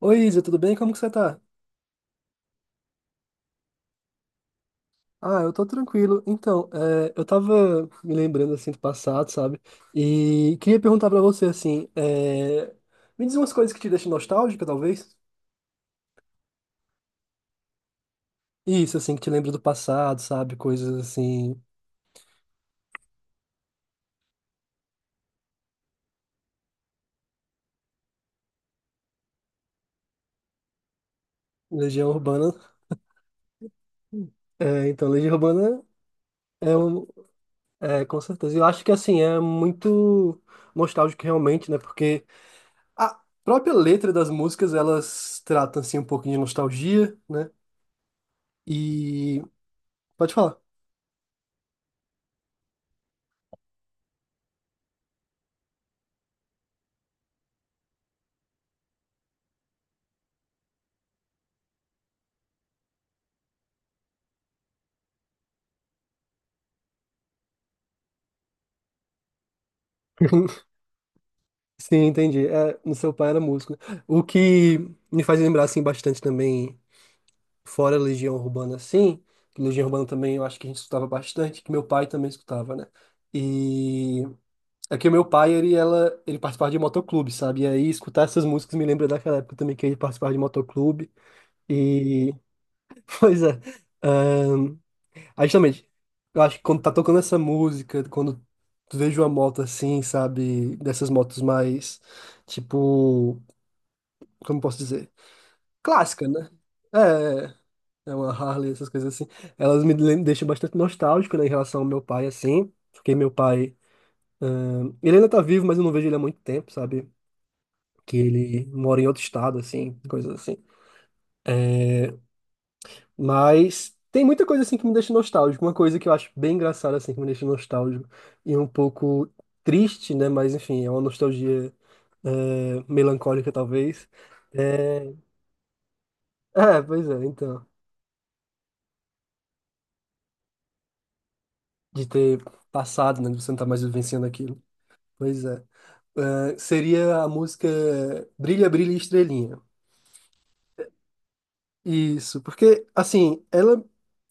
Oi, Isa, tudo bem? Como que você tá? Ah, eu tô tranquilo. Então, eu tava me lembrando, assim, do passado, sabe? E queria perguntar pra você, assim, me diz umas coisas que te deixam nostálgica, talvez? Isso, assim, que te lembra do passado, sabe? Coisas assim, Legião Urbana. É, então, Legião Urbana é, um, com certeza. Eu acho que, assim, é muito nostálgico realmente, né? Porque a própria letra das músicas, elas tratam, assim, um pouquinho de nostalgia, né? E... Pode falar. Sim, entendi. É, no seu pai era músico, né? O que me faz lembrar assim bastante também, fora Legião Urbana, assim, que Legião Urbana também eu acho que a gente escutava bastante, que meu pai também escutava, né? E é que o meu pai, ele participava de motoclube, sabe? E aí escutar essas músicas me lembra daquela época também que ele participava de motoclube. E, pois é. ahn, Aí justamente, eu acho que quando tá tocando essa música, quando tu vejo uma moto assim, sabe? Dessas motos mais, tipo, como posso dizer? Clássica, né? É, é É uma Harley, essas coisas assim. Elas me deixam bastante nostálgico, né, em relação ao meu pai, assim. Porque meu pai, ele ainda tá vivo, mas eu não vejo ele há muito tempo, sabe? Que ele mora em outro estado, assim, coisas assim. Mas tem muita coisa, assim, que me deixa nostálgico. Uma coisa que eu acho bem engraçada, assim, que me deixa nostálgico. E um pouco triste, né? Mas, enfim, é uma nostalgia, melancólica, talvez. É, é, pois é, então. De ter passado, né? De você não estar mais vivenciando aquilo. Pois é. Ah, seria a música Brilha, Brilha, Estrelinha. Isso, porque, assim, ela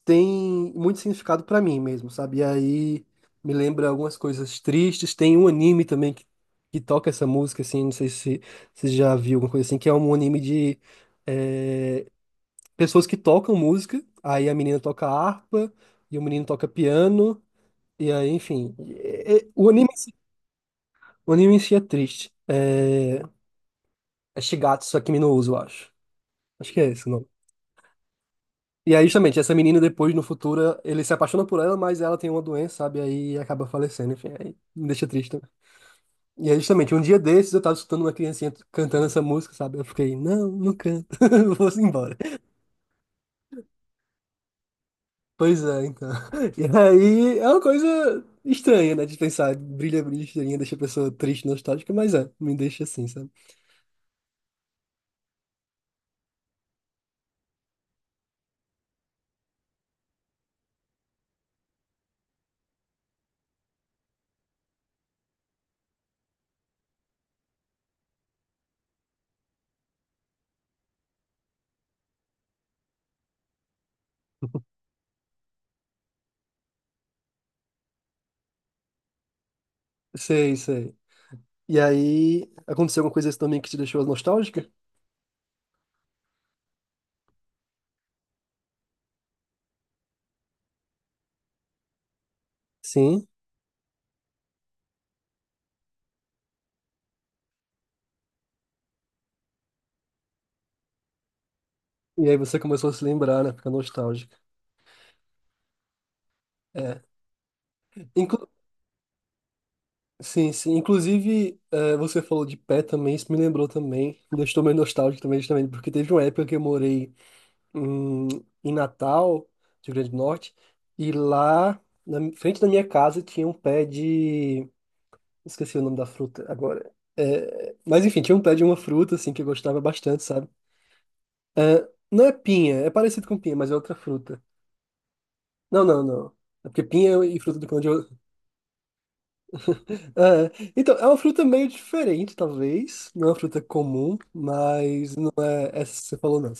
tem muito significado pra mim mesmo, sabe? E aí me lembra algumas coisas tristes. Tem um anime também que toca essa música, assim, não sei se você já viu alguma coisa assim, que é um anime de eh, pessoas que tocam música. Aí a menina toca harpa e o menino toca piano. E aí, enfim, o anime, o anime em si é triste. É Shigatsu Akimi no Uso, eu acho. Acho que é esse o nome. E aí, justamente, essa menina depois, no futuro, ele se apaixona por ela, mas ela tem uma doença, sabe? Aí acaba falecendo, enfim, aí me deixa triste também. E aí, justamente, um dia desses eu tava escutando uma criancinha cantando essa música, sabe? Eu fiquei, não, não canto, vou embora. Pois é, então. E aí, é uma coisa estranha, né, de pensar, brilha, brilha, estrelinha, deixa a pessoa triste, nostálgica, mas é, me deixa assim, sabe? Sei, sei. E aí, aconteceu alguma coisa assim também que te deixou nostálgica? Sim. E aí você começou a se lembrar, né? Ficar nostálgica. É. Inclu- sim, sim. Inclusive, é, você falou de pé também, isso me lembrou também. Me deixou meio nostálgico também, justamente, porque teve uma época que eu morei em, em Natal, Rio Grande do Norte, e lá, na frente da minha casa, tinha um pé de... Esqueci o nome da fruta agora. É, mas enfim, tinha um pé de uma fruta, assim, que eu gostava bastante, sabe? É, não é pinha, é parecido com pinha, mas é outra fruta. Não, não, não. É porque pinha e fruta do pão de ouro. É, então, é uma fruta meio diferente, talvez. Não é uma fruta comum, mas né, essa que você falou não,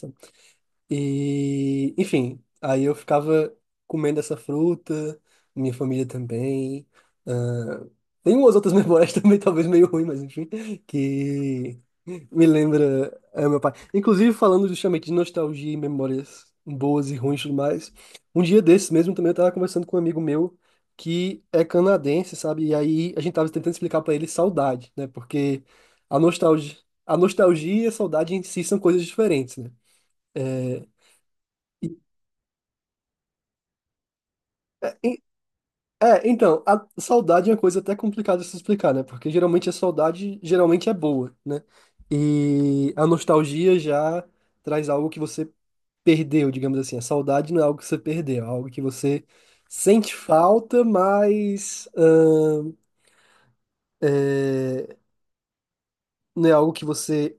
e, enfim, aí eu ficava comendo essa fruta, minha família também. Ah, tem umas outras memórias também, talvez meio ruim, mas enfim, que me lembra, ah, meu pai. Inclusive, falando justamente de nostalgia e memórias boas e ruins e tudo mais, um dia desses mesmo também eu tava conversando com um amigo meu que é canadense, sabe? E aí a gente tava tentando explicar pra ele saudade, né? Porque a nostalgia, a nostalgia e a saudade em si são coisas diferentes, né? É, é, então, a saudade é uma coisa até complicada de se explicar, né? Porque geralmente a saudade geralmente é boa, né? E a nostalgia já traz algo que você perdeu, digamos assim. A saudade não é algo que você perdeu, é algo que você sente falta, mas não é algo que você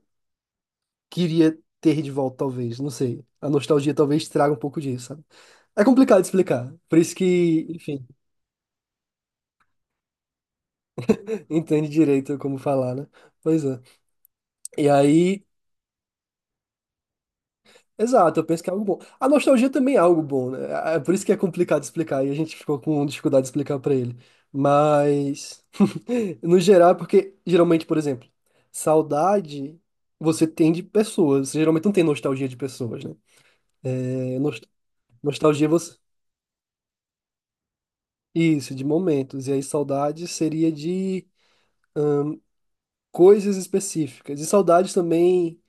queria ter de volta, talvez. Não sei. A nostalgia talvez traga um pouco disso, sabe? É complicado de explicar. Por isso que, enfim, entende direito como falar, né? Pois é. E aí. Exato, eu penso que é algo bom. A nostalgia também é algo bom, né? É por isso que é complicado explicar e a gente ficou com dificuldade de explicar pra ele. Mas, no geral, é porque geralmente, por exemplo, saudade você tem de pessoas. Você geralmente não tem nostalgia de pessoas, né? É, nostalgia você. Isso, de momentos. E aí saudade seria de coisas específicas. E saudades também,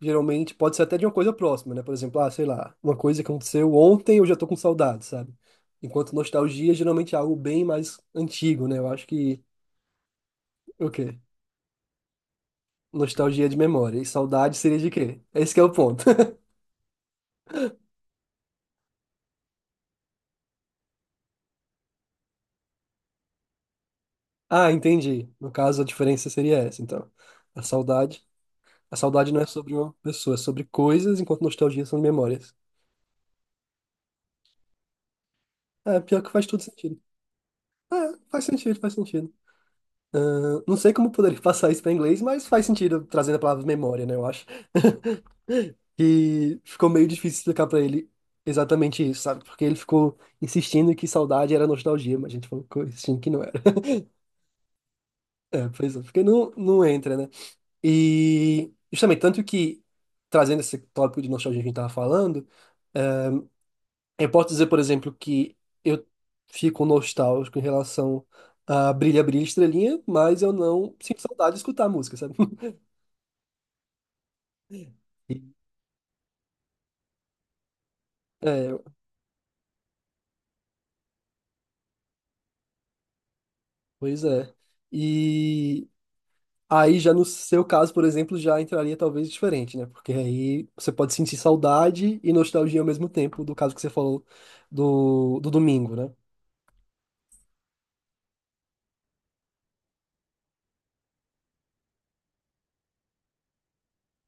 geralmente, pode ser até de uma coisa próxima, né? Por exemplo, ah, sei lá, uma coisa que aconteceu ontem, eu já tô com saudade, sabe? Enquanto nostalgia, geralmente é algo bem mais antigo, né? Eu acho que, o quê? Nostalgia é de memória. E saudade seria de quê? Esse que é o ponto. Ah, entendi. No caso, a diferença seria essa, então. A saudade, a saudade não é sobre uma pessoa, é sobre coisas, enquanto nostalgia são memórias. É, pior que faz tudo sentido. É, faz sentido, faz sentido. Não sei como eu poderia passar isso para inglês, mas faz sentido trazendo a palavra memória, né? Eu acho. E ficou meio difícil explicar para ele exatamente isso, sabe? Porque ele ficou insistindo que saudade era nostalgia, mas a gente falou insistindo que não era. É, pois é, porque não, não entra, né? E justamente, tanto que trazendo esse tópico de nostalgia que a gente tava falando, eh, eu posso dizer, por exemplo, que eu fico nostálgico em relação a Brilha, Brilha, Estrelinha, mas eu não sinto saudade de escutar a música, sabe? É, pois é. E aí, já no seu caso, por exemplo, já entraria talvez diferente, né? Porque aí você pode sentir saudade e nostalgia ao mesmo tempo, do caso que você falou do domingo, né?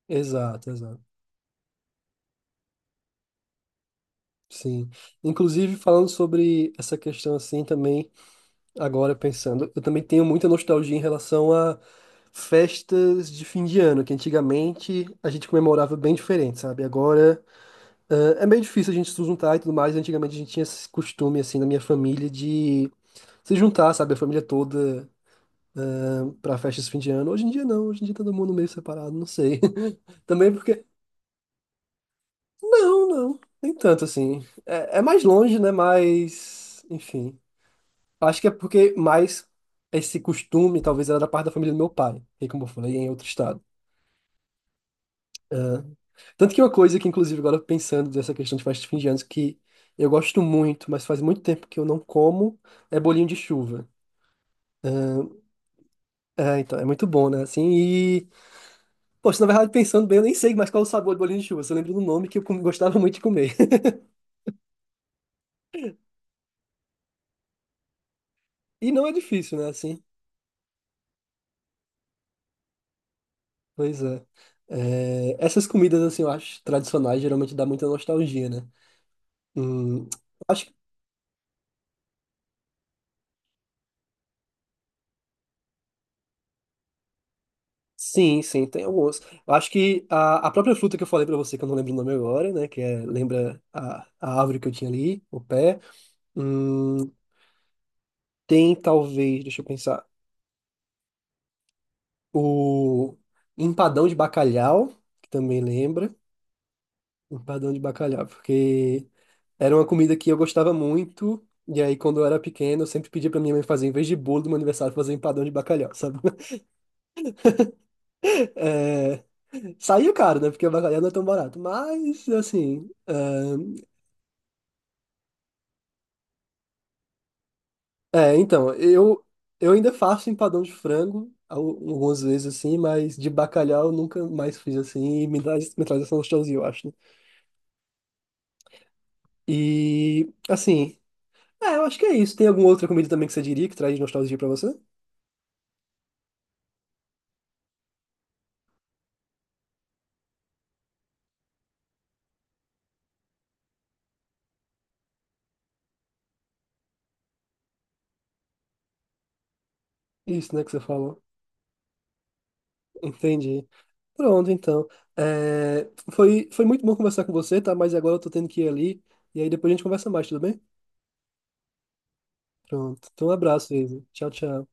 Exato, exato. Sim. Inclusive, falando sobre essa questão assim também, agora pensando, eu também tenho muita nostalgia em relação a festas de fim de ano, que antigamente a gente comemorava bem diferente, sabe? Agora. É meio difícil a gente se juntar e tudo mais. Antigamente a gente tinha esse costume, assim, na minha família de se juntar, sabe? A família toda para pra festa de fim de ano. Hoje em dia não, hoje em dia todo mundo meio separado, não sei. Também porque. Não, não, nem tanto assim. É, é mais longe, né? Mas. Enfim. Acho que é porque mais esse costume talvez era da parte da família do meu pai, que, como eu falei, é em outro estado. Tanto que uma coisa que, inclusive, agora pensando nessa questão de festa de fim de anos, que eu gosto muito, mas faz muito tempo que eu não como, é bolinho de chuva. É, então, é muito bom, né? Assim, e... Poxa, na verdade, pensando bem, eu nem sei mais qual é o sabor do bolinho de chuva. Só lembro do nome que eu gostava muito de comer. E não é difícil, né? Assim, pois é. É, essas comidas, assim, eu acho, tradicionais, geralmente dá muita nostalgia, né? Hum, acho sim, sim, tem alguns. Eu acho que a própria fruta que eu falei pra você, que eu não lembro o nome agora, né? Que é, lembra a árvore que eu tinha ali, o pé. Hum, tem talvez, deixa eu pensar, o empadão de bacalhau, que também lembra. Empadão de bacalhau, porque era uma comida que eu gostava muito. E aí, quando eu era pequeno, eu sempre pedia pra minha mãe fazer, em vez de bolo do meu aniversário, fazer empadão de bacalhau, sabe? É, saiu caro, né? Porque o bacalhau não é tão barato. Mas, assim, é, é, então, eu ainda faço empadão de frango algumas vezes assim, mas de bacalhau eu nunca mais fiz assim, e me traz essa nostalgia, eu acho, né? E, assim, é, eu acho que é isso. Tem alguma outra comida também que você diria que traz nostalgia pra você? Isso, né, que você falou. Entendi. Pronto, então. É, foi muito bom conversar com você, tá? Mas agora eu tô tendo que ir ali, e aí depois a gente conversa mais, tudo bem? Pronto. Então, um abraço, Isa. Tchau, tchau.